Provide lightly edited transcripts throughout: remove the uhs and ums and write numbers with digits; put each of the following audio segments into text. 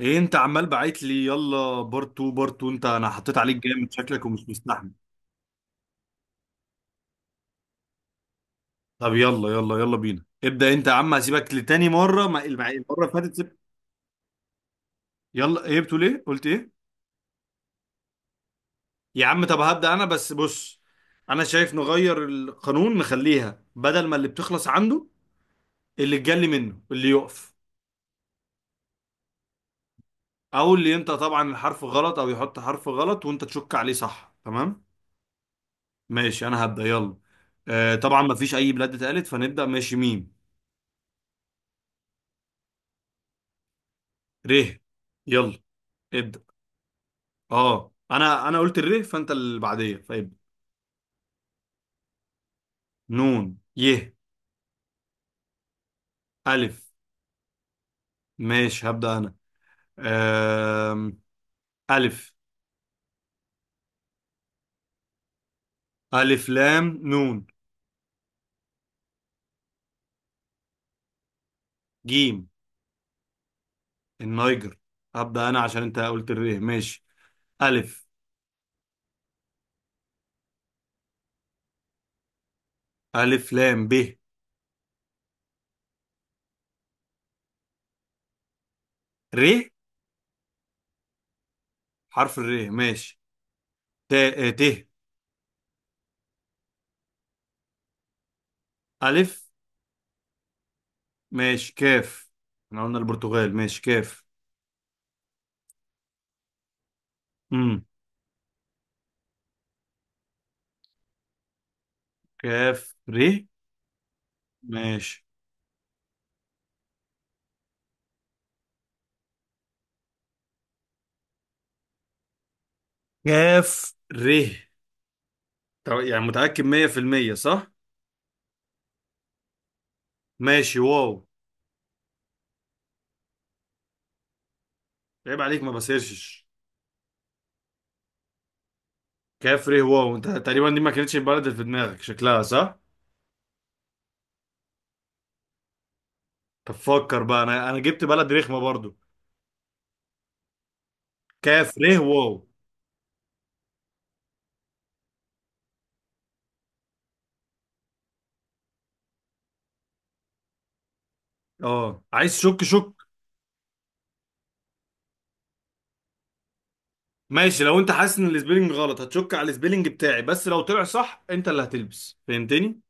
ايه انت عمال بعت لي؟ يلا بارت 2 بارت 2. انا حطيت عليك جامد شكلك ومش مستحمل. طب يلا يلا يلا بينا. ابدأ انت يا عم، هسيبك لتاني مرة. ما المرة اللي فاتت سبت. يلا، ايه بتقول؟ ايه قلت؟ ايه؟ يا عم طب هبدأ انا، بس بص. انا شايف نغير القانون، نخليها بدل ما اللي بتخلص عنده، اللي اتجلي منه اللي يقف. او اللي انت طبعا الحرف غلط، او يحط حرف غلط وانت تشك عليه، صح؟ تمام. ماشي انا هبدأ، يلا. آه طبعا، ما فيش اي بلاد اتقالت، فنبدأ. ماشي، ميم. ر. يلا. ابدأ. اه، انا قلت الر، فانت اللي بعديه فابدأ. نون ي الف. ماشي هبدأ انا. أم... الف. الف لام. نون. جيم. النيجر. هبدأ انا عشان انت قلت الر. ماشي. الف. الف لام ب. ر. حرف الر. ماشي. ت، ت. الف. ماشي كاف. احنا قلنا البرتغال. ماشي كاف. امم كاف ر. ماشي. كاف ر. طب يعني متأكد 100%؟ صح؟ ماشي واو. عيب عليك، ما بسيرشش. كافري واو. انت تقريبا دي ما كانتش البلد اللي في دماغك، شكلها صح. طب فكر بقى. انا جبت بلد رخمه برضو. كافري واو. اه، عايز شك؟ شك. ماشي، لو انت حاسس ان السبيلنج غلط هتشك على السبيلنج بتاعي، بس لو طلع صح انت اللي هتلبس. فهمتني؟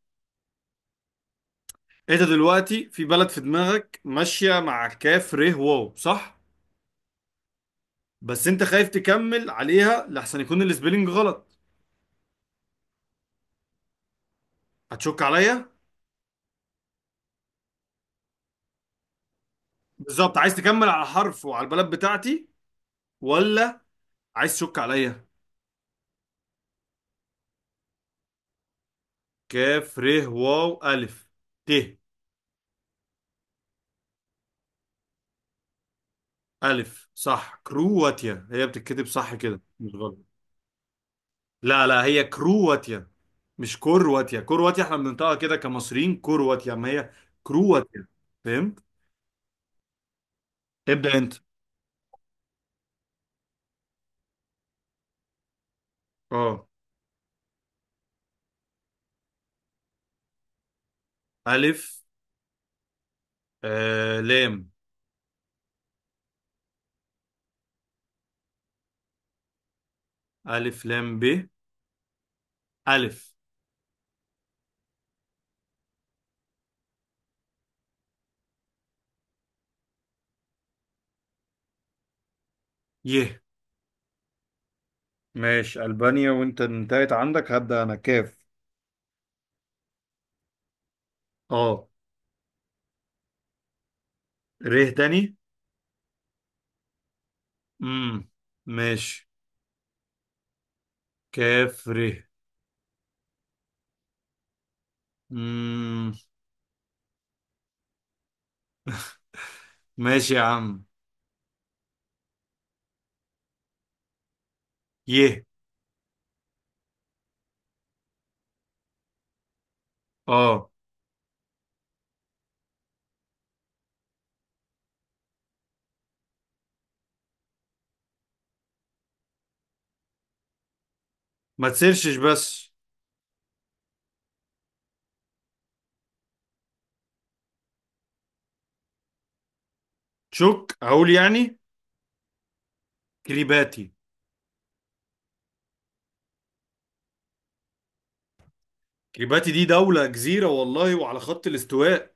انت دلوقتي في بلد في دماغك ماشيه مع كافري واو، صح؟ بس انت خايف تكمل عليها لحسن يكون السبيلنج غلط. هتشك عليا؟ بالظبط، عايز تكمل على حرف وعلى البلد بتاعتي؟ ولا عايز تشك عليا؟ كاف ر واو الف. ت. الف، صح. كرواتيا هي بتتكتب صح كده، مش غلط. لا لا، هي كرواتيا. مش كرواتيا، كرواتيا. احنا بننطقها كده كمصريين، كرواتيا. ما هي كرواتيا. فهمت؟ ابدأ انت. اه. الف. لام. الف لام ب. الف. ي. ماشي، ألبانيا. وانت انتهيت عندك، هبدأ انا. كاف. اه. ر تاني. امم ماشي. كاف ر. مم. ماشي يا عم. يه. اه. ما تسيرشش بس. تشوك؟ اقول يعني. كريباتي. كريباتي دي دولة جزيرة والله، وعلى خط الاستواء.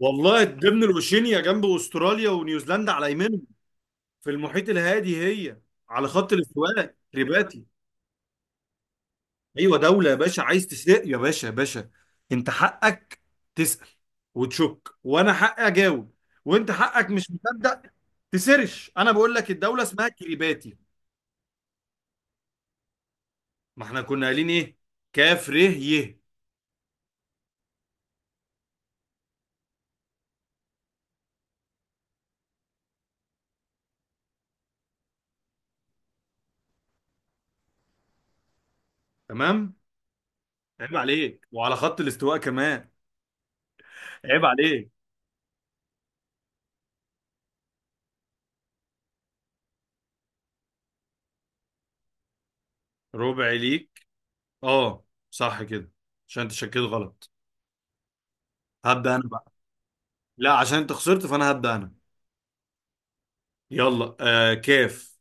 والله، ضمن الأوشينيا، جنب أستراليا ونيوزيلندا، على يمينهم. في المحيط الهادي. هي على خط الاستواء، كريباتي. أيوة دولة يا باشا. عايز تسرق يا باشا؟ يا باشا، أنت حقك تسأل وتشك، وأنا حقي أجاوب، وأنت حقك مش مصدق. تسرش، أنا بقول لك الدولة اسمها كريباتي. ما احنا كنا قايلين ايه؟ كاف ر ي. تمام. عيب عليك، وعلى خط الاستواء كمان. عيب عليك. ربع ليك، اه، صح كده. عشان انت شكيت غلط. هبدأ انا بقى. لا، عشان انت خسرت فانا هبدأ انا. يلا، كاف.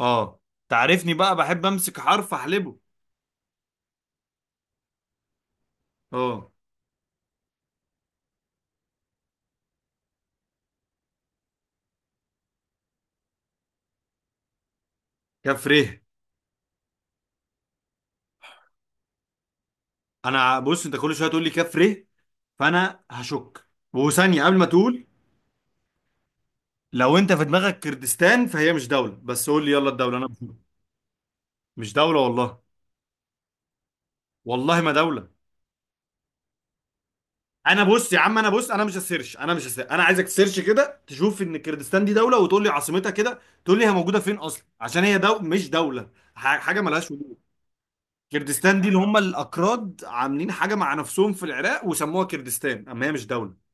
اه. تعرفني بقى، بحب امسك حرف احلبه. اه. كاف ر. انا بص، انت كل شويه تقول لي كاف ر، فانا هشك. وثانيه قبل ما تقول، لو انت في دماغك كردستان فهي مش دوله. بس قول لي يلا الدوله، انا بشوف. مش دوله والله. والله ما دولة. انا بص يا عم، انا بص، انا مش هسيرش، انا مش هسيرش. انا عايزك تسيرش كده تشوف ان كردستان دي دولة، وتقول لي عاصمتها كده، تقول لي هي موجودة فين اصلا. عشان هي مش دولة، حاجة ملهاش وجود. كردستان دي اللي هم الاكراد عاملين حاجة مع نفسهم في العراق وسموها كردستان، اما هي مش دولة.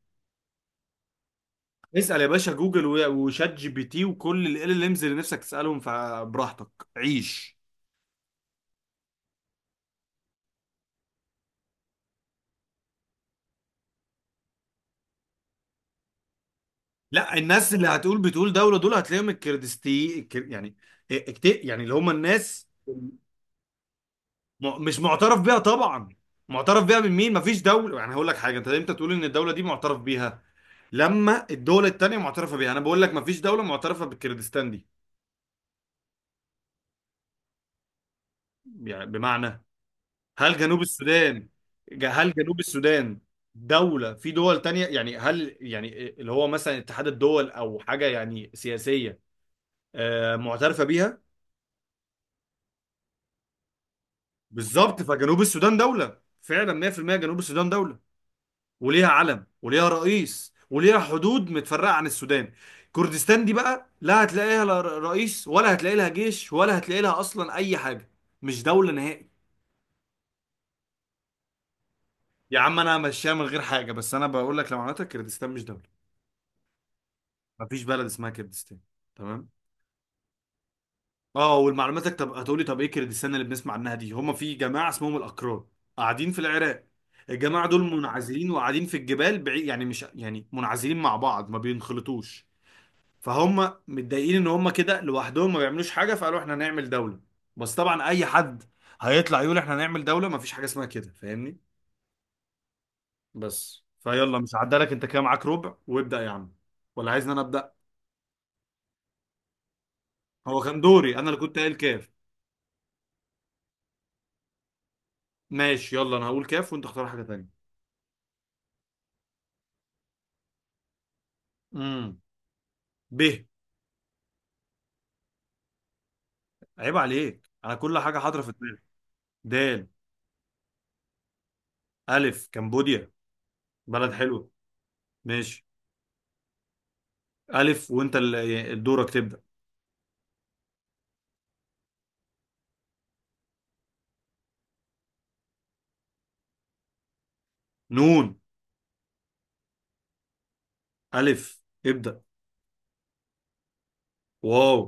اسأل يا باشا جوجل و- وشات جي بي تي وكل ال امز اللي نفسك تسألهم، فبراحتك عيش. لا، الناس اللي هتقول بتقول دولة دول هتلاقيهم الكردستي يعني. إيه، يعني اللي هم الناس. مش معترف بيها طبعا. معترف بيها من مين؟ مفيش دولة. يعني هقول لك حاجة، انت امتى تقول ان الدولة دي معترف بيها؟ لما الدولة التانية معترفة بيها. انا بقول لك مفيش دولة معترفة بالكردستان دي. يعني بمعنى، هل جنوب السودان، هل جنوب السودان دولة في دول تانية؟ يعني هل يعني اللي هو مثلا اتحاد الدول او حاجة يعني سياسية معترفة بيها؟ بالظبط، فجنوب السودان دولة فعلا 100%. جنوب السودان دولة وليها علم وليها رئيس وليها حدود متفرقة عن السودان. كردستان دي بقى، لا هتلاقي لها رئيس، ولا هتلاقي لها جيش، ولا هتلاقي لها أصلا أي حاجة. مش دولة نهائي. يا عم أنا ماشيها من غير حاجة، بس أنا بقول لك لو معناتها كردستان مش دولة، مفيش بلد اسمها كردستان. تمام. اه، والمعلوماتك طب هتقولي طب ايه كردستان اللي بنسمع عنها دي؟ هما في جماعة اسمهم الأكراد، قاعدين في العراق. الجماعة دول منعزلين وقاعدين في الجبال بعيد، يعني مش، يعني منعزلين مع بعض ما بينخلطوش. فهم متضايقين ان هم كده لوحدهم ما بيعملوش حاجه، فقالوا احنا هنعمل دوله. بس طبعا اي حد هيطلع يقول احنا هنعمل دوله، ما فيش حاجه اسمها كده. فاهمني؟ بس فيلا، مش عدالك انت كده، معاك ربع. وابدا يا عم. ولا عايزني انا ابدا؟ هو كان دوري، انا اللي كنت قايل كاف. ماشي يلا، انا هقول كاف وانت اختار حاجه تانية. امم ب. عيب عليك، انا كل حاجه حاضره في دماغي. دال. الف. كمبوديا، بلد حلوه. ماشي. الف. وانت دورك تبدا. نون. الف. ابدا. واو.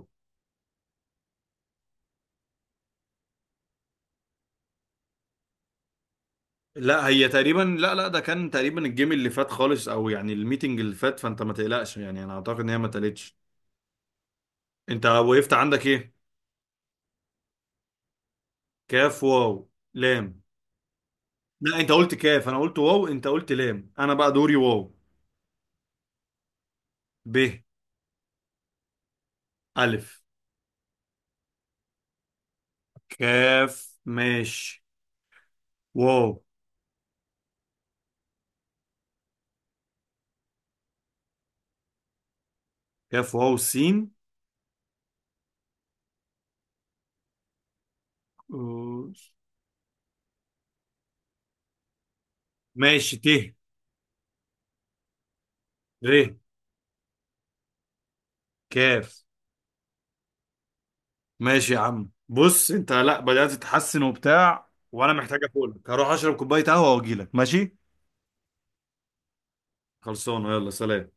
لا هي تقريبا، لا لا، ده كان تقريبا الجيم اللي فات خالص، او يعني الميتنج اللي فات. فانت ما تقلقش، يعني انا اعتقد ان هي ما اتقالتش. انت وقفت عندك ايه؟ كاف واو لام. لا، انت قلت كاف، انا قلت واو، انت قلت لام، انا بقى دوري واو. ب. الف. كاف ماشي. واو. كاف واو سين. أوش. ماشي ت. ر. كاف. ماشي يا عم، بص انت لا بدأت تتحسن وبتاع، وانا محتاج اقولك هروح اشرب كوبايه قهوه واجيلك. ماشي؟ خلصانه، يلا سلام.